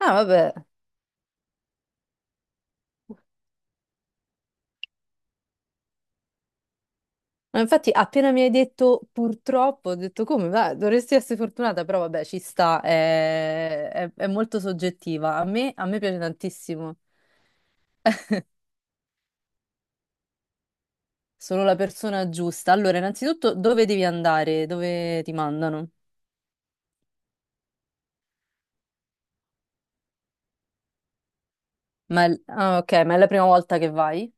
Ah, vabbè. Ma infatti, appena mi hai detto purtroppo, ho detto come, va, dovresti essere fortunata, però vabbè, ci sta, è molto soggettiva. A me piace tantissimo, sono la persona giusta. Allora, innanzitutto, dove devi andare? Dove ti mandano? Ma ah, ok, ma è la prima volta che vai?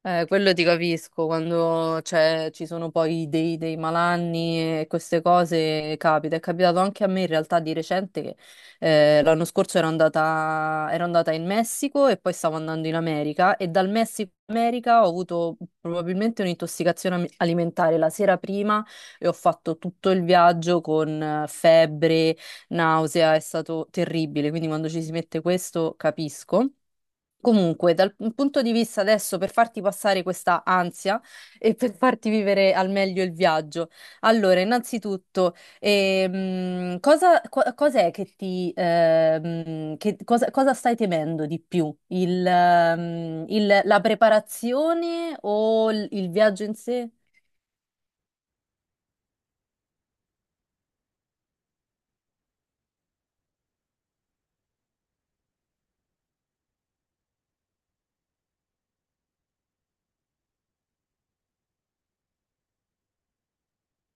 Quello ti capisco, quando ci sono poi dei malanni e queste cose capita. È capitato anche a me in realtà di recente che l'anno scorso ero andata in Messico e poi stavo andando in America e dal Messico in America ho avuto probabilmente un'intossicazione alimentare la sera prima e ho fatto tutto il viaggio con febbre, nausea, è stato terribile, quindi quando ci si mette questo capisco. Comunque, dal punto di vista adesso, per farti passare questa ansia e per farti vivere al meglio il viaggio, allora, innanzitutto, cos'è che ti, cosa stai temendo di più? La preparazione o il viaggio in sé?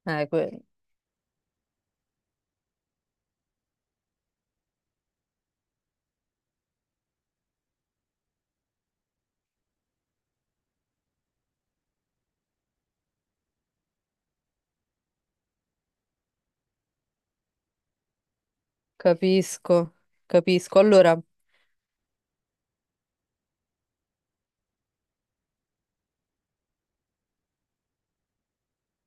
Eh, que- capisco, capisco. Allora.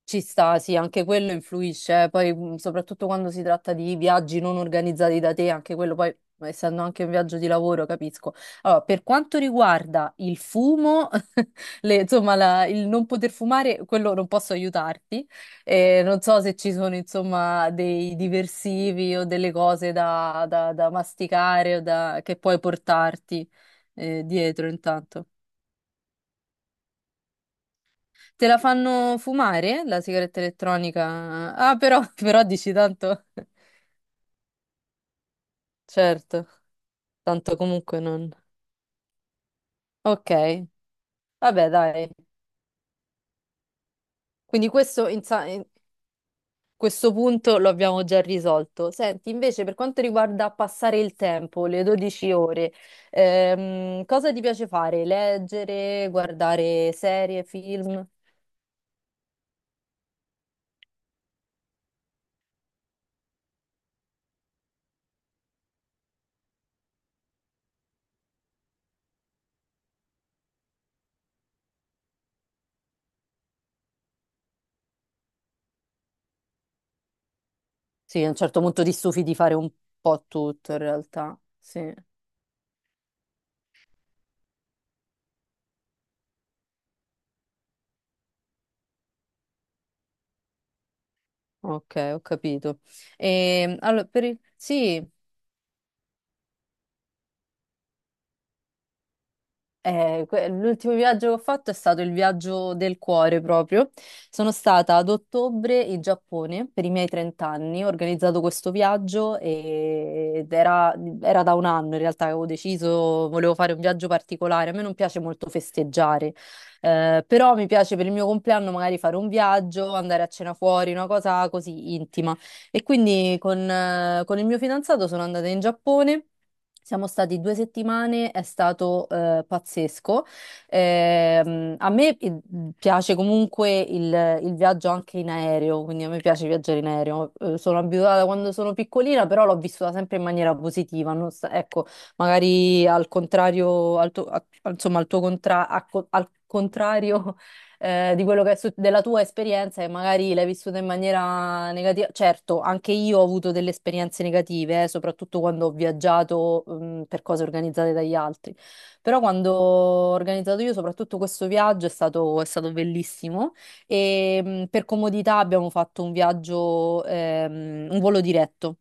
Ci sta, sì, anche quello influisce, eh. Poi soprattutto quando si tratta di viaggi non organizzati da te, anche quello poi, essendo anche un viaggio di lavoro, capisco. Allora, per quanto riguarda il fumo, insomma, il non poter fumare, quello non posso aiutarti. Non so se ci sono, insomma, dei diversivi o delle cose da masticare o che puoi portarti, dietro intanto. Te la fanno fumare la sigaretta elettronica? Ah, però, però dici tanto. Certo, tanto comunque non. Ok, vabbè, dai. Quindi questo, questo punto lo abbiamo già risolto. Senti, invece, per quanto riguarda passare il tempo, le 12 ore, cosa ti piace fare? Leggere, guardare serie, film? Sì, a un certo punto ti stufi di fare un po' tutto, in realtà. Sì. Ok, ho capito. E, allora, sì, l'ultimo viaggio che ho fatto è stato il viaggio del cuore proprio. Sono stata ad ottobre in Giappone per i miei 30 anni, ho organizzato questo viaggio ed era da un anno in realtà che avevo deciso, volevo fare un viaggio particolare. A me non piace molto festeggiare, però mi piace per il mio compleanno magari fare un viaggio, andare a cena fuori, una cosa così intima. E quindi con il mio fidanzato sono andata in Giappone. Siamo stati 2 settimane, è stato pazzesco. A me piace comunque il viaggio anche in aereo, quindi a me piace viaggiare in aereo. Sono abituata quando sono piccolina, però l'ho vissuta sempre in maniera positiva. Non sa- ecco, magari al contrario, al tuo, insomma, al tuo contra- a co- al contrario di quello che della tua esperienza e magari l'hai vissuta in maniera negativa. Certo, anche io ho avuto delle esperienze negative, soprattutto quando ho viaggiato, per cose organizzate dagli altri. Però quando ho organizzato io, soprattutto questo viaggio, è stato bellissimo e per comodità abbiamo fatto un viaggio, un volo diretto.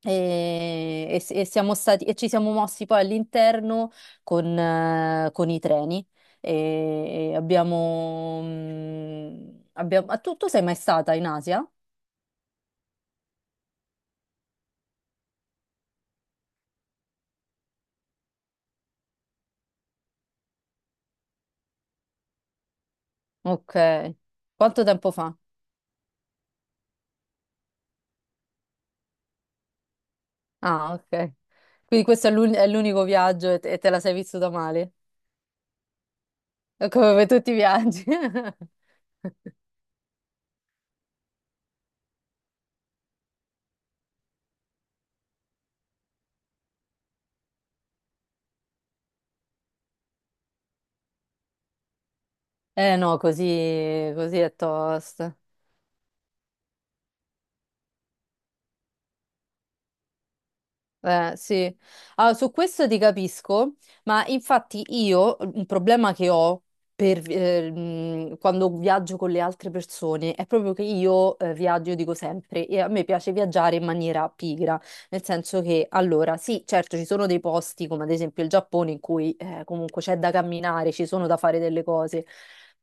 E siamo stati, e ci siamo mossi poi all'interno con i treni e abbiamo... ah, tu sei mai stata in Asia? Ok. Quanto tempo fa? Ah, ok. Quindi questo è è l'unico viaggio e te la sei vissuta male? Come per tutti i viaggi. Eh no, così, così è tosta. Sì, allora, su questo ti capisco, ma infatti io un problema che ho quando viaggio con le altre persone è proprio che io viaggio, io dico sempre, e a me piace viaggiare in maniera pigra, nel senso che allora sì, certo ci sono dei posti come ad esempio il Giappone in cui comunque c'è da camminare, ci sono da fare delle cose,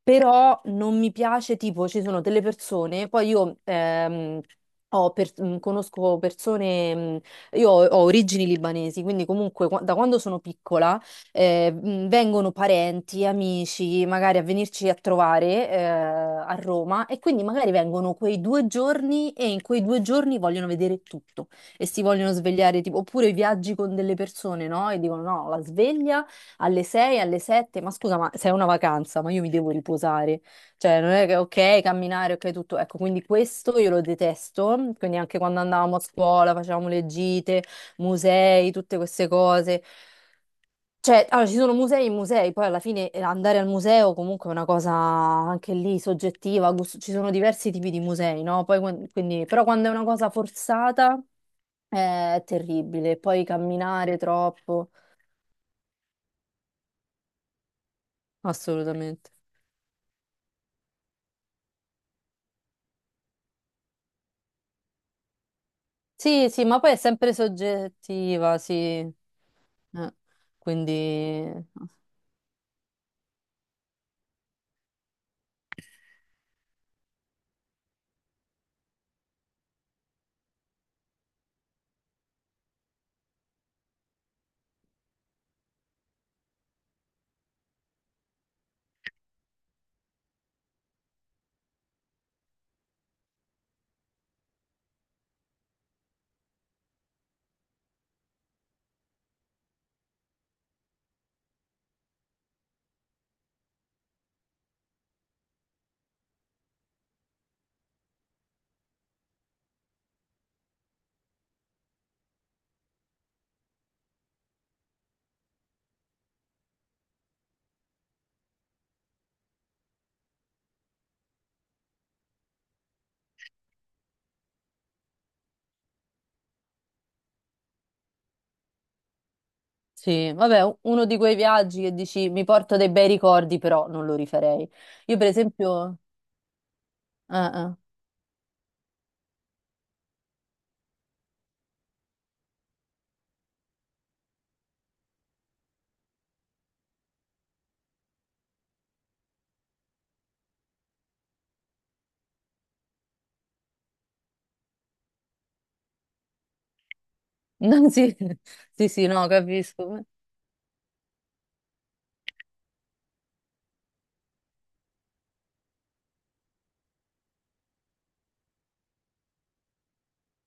però non mi piace tipo ci sono delle persone, poi io... conosco persone io ho origini libanesi, quindi comunque da quando sono piccola vengono parenti, amici, magari a venirci a trovare a Roma e quindi magari vengono quei 2 giorni e in quei 2 giorni vogliono vedere tutto e si vogliono svegliare, tipo, oppure viaggi con delle persone, no? E dicono no, la sveglia alle 6, alle 7, ma scusa, ma sei una vacanza, ma io mi devo riposare. Cioè, non è che ok, camminare, ok, tutto. Ecco, quindi questo io lo detesto. Quindi anche quando andavamo a scuola, facevamo le gite, musei, tutte queste cose. Cioè, allora, ci sono musei e musei, poi alla fine andare al museo comunque è una cosa anche lì soggettiva, ci sono diversi tipi di musei, no? Poi, quindi, però quando è una cosa forzata è terribile, poi camminare troppo, assolutamente. Sì, sì, ma poi è sempre soggettiva, sì. Quindi... Sì, vabbè, uno di quei viaggi che dici mi porto dei bei ricordi, però non lo rifarei. Io per esempio... Ah, ah. No, sì, sì, sì, no, capisco.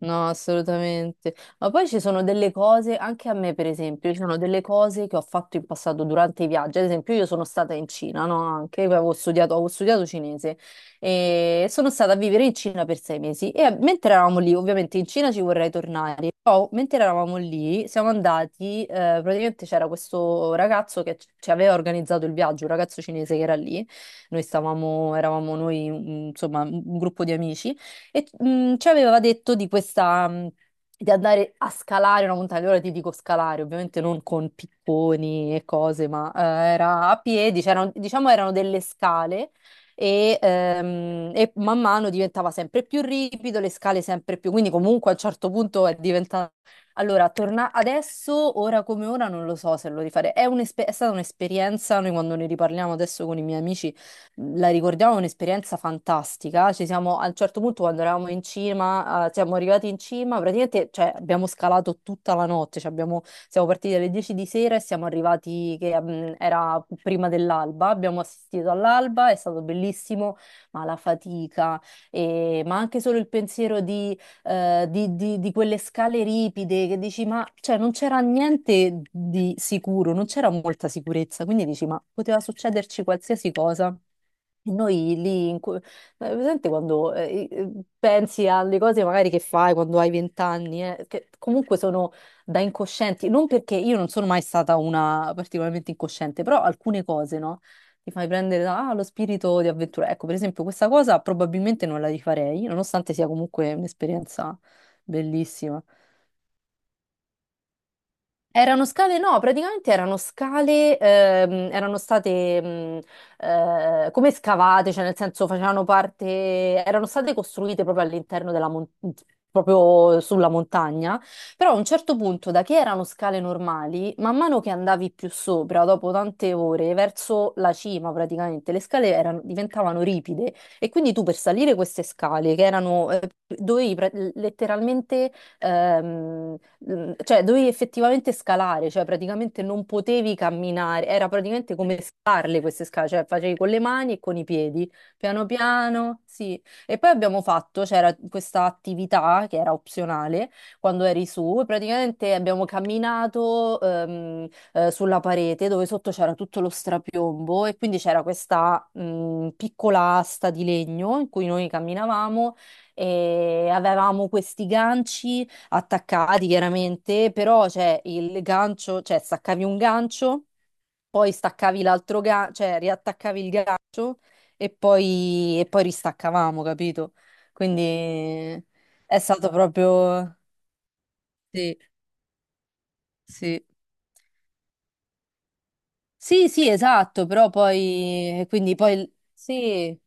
No, assolutamente. Ma poi ci sono delle cose, anche a me per esempio, ci sono delle cose che ho fatto in passato durante i viaggi. Ad esempio, io sono stata in Cina, no? Anche, io avevo studiato, cinese e sono stata a vivere in Cina per 6 mesi. E mentre eravamo lì, ovviamente in Cina ci vorrei tornare, però mentre eravamo lì siamo andati, praticamente c'era questo ragazzo che ci aveva organizzato il viaggio, un ragazzo cinese che era lì. Eravamo noi, insomma, un gruppo di amici. E ci aveva detto di questa, di andare a scalare una montagna. Ora ti dico scalare, ovviamente non con picconi e cose, ma era a piedi, diciamo erano delle scale e man mano diventava sempre più ripido, le scale sempre più, quindi comunque a un certo punto è diventato... Allora, torna adesso, ora come ora, non lo so se lo rifarei. È stata un'esperienza, noi quando ne riparliamo adesso con i miei amici la ricordiamo un'esperienza fantastica. Ci siamo, a un certo punto, quando eravamo in cima, siamo arrivati in cima, praticamente, cioè, abbiamo scalato tutta la notte. Cioè, siamo partiti alle 10 di sera e siamo arrivati, che era prima dell'alba. Abbiamo assistito all'alba, è stato bellissimo, ma la fatica, ma anche solo il pensiero di quelle scale ripide che dici, ma cioè, non c'era niente di sicuro, non c'era molta sicurezza, quindi dici, ma poteva succederci qualsiasi cosa. E noi lì, presente quando pensi alle cose magari che fai quando hai 20 anni, che comunque sono da incoscienti, non perché io non sono mai stata una particolarmente incosciente, però alcune cose, no? Ti fai prendere da, lo spirito di avventura. Ecco, per esempio, questa cosa probabilmente non la rifarei, nonostante sia comunque un'esperienza bellissima. Erano scale, no, praticamente erano scale, erano state come scavate, cioè nel senso facevano parte, erano state costruite proprio all'interno proprio sulla montagna, però a un certo punto, da che erano scale normali, man mano che andavi più sopra, dopo tante ore, verso la cima praticamente, le scale diventavano ripide e quindi tu per salire queste scale, che letteralmente... ehm, cioè dovevi effettivamente scalare, cioè praticamente non potevi camminare, era praticamente come scalarle queste scale, cioè facevi con le mani e con i piedi, piano piano, sì. E poi abbiamo fatto, c'era questa attività che era opzionale quando eri su, e praticamente abbiamo camminato sulla parete dove sotto c'era tutto lo strapiombo e quindi c'era questa piccola asta di legno in cui noi camminavamo e avevamo questi ganci attaccati chiaramente, però cioè, il gancio, cioè staccavi un gancio, poi staccavi l'altro gancio, cioè riattaccavi il gancio e poi ristaccavamo, capito? Quindi è stato proprio... Sì, sì. Sì, sì, esatto, però poi... E quindi poi... Sì,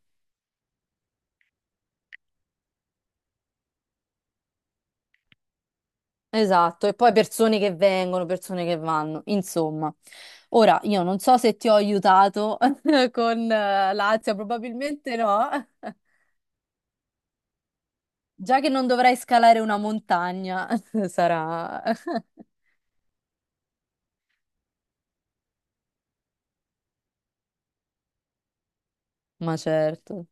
esatto, e poi persone che vengono, persone che vanno, insomma. Ora, io non so se ti ho aiutato con l'ansia, probabilmente no. Già che non dovrai scalare una montagna, sarà... Ma certo.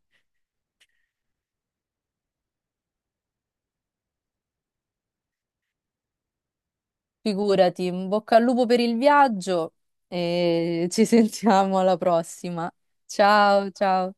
Figurati, in bocca al lupo per il viaggio e ci sentiamo alla prossima. Ciao, ciao.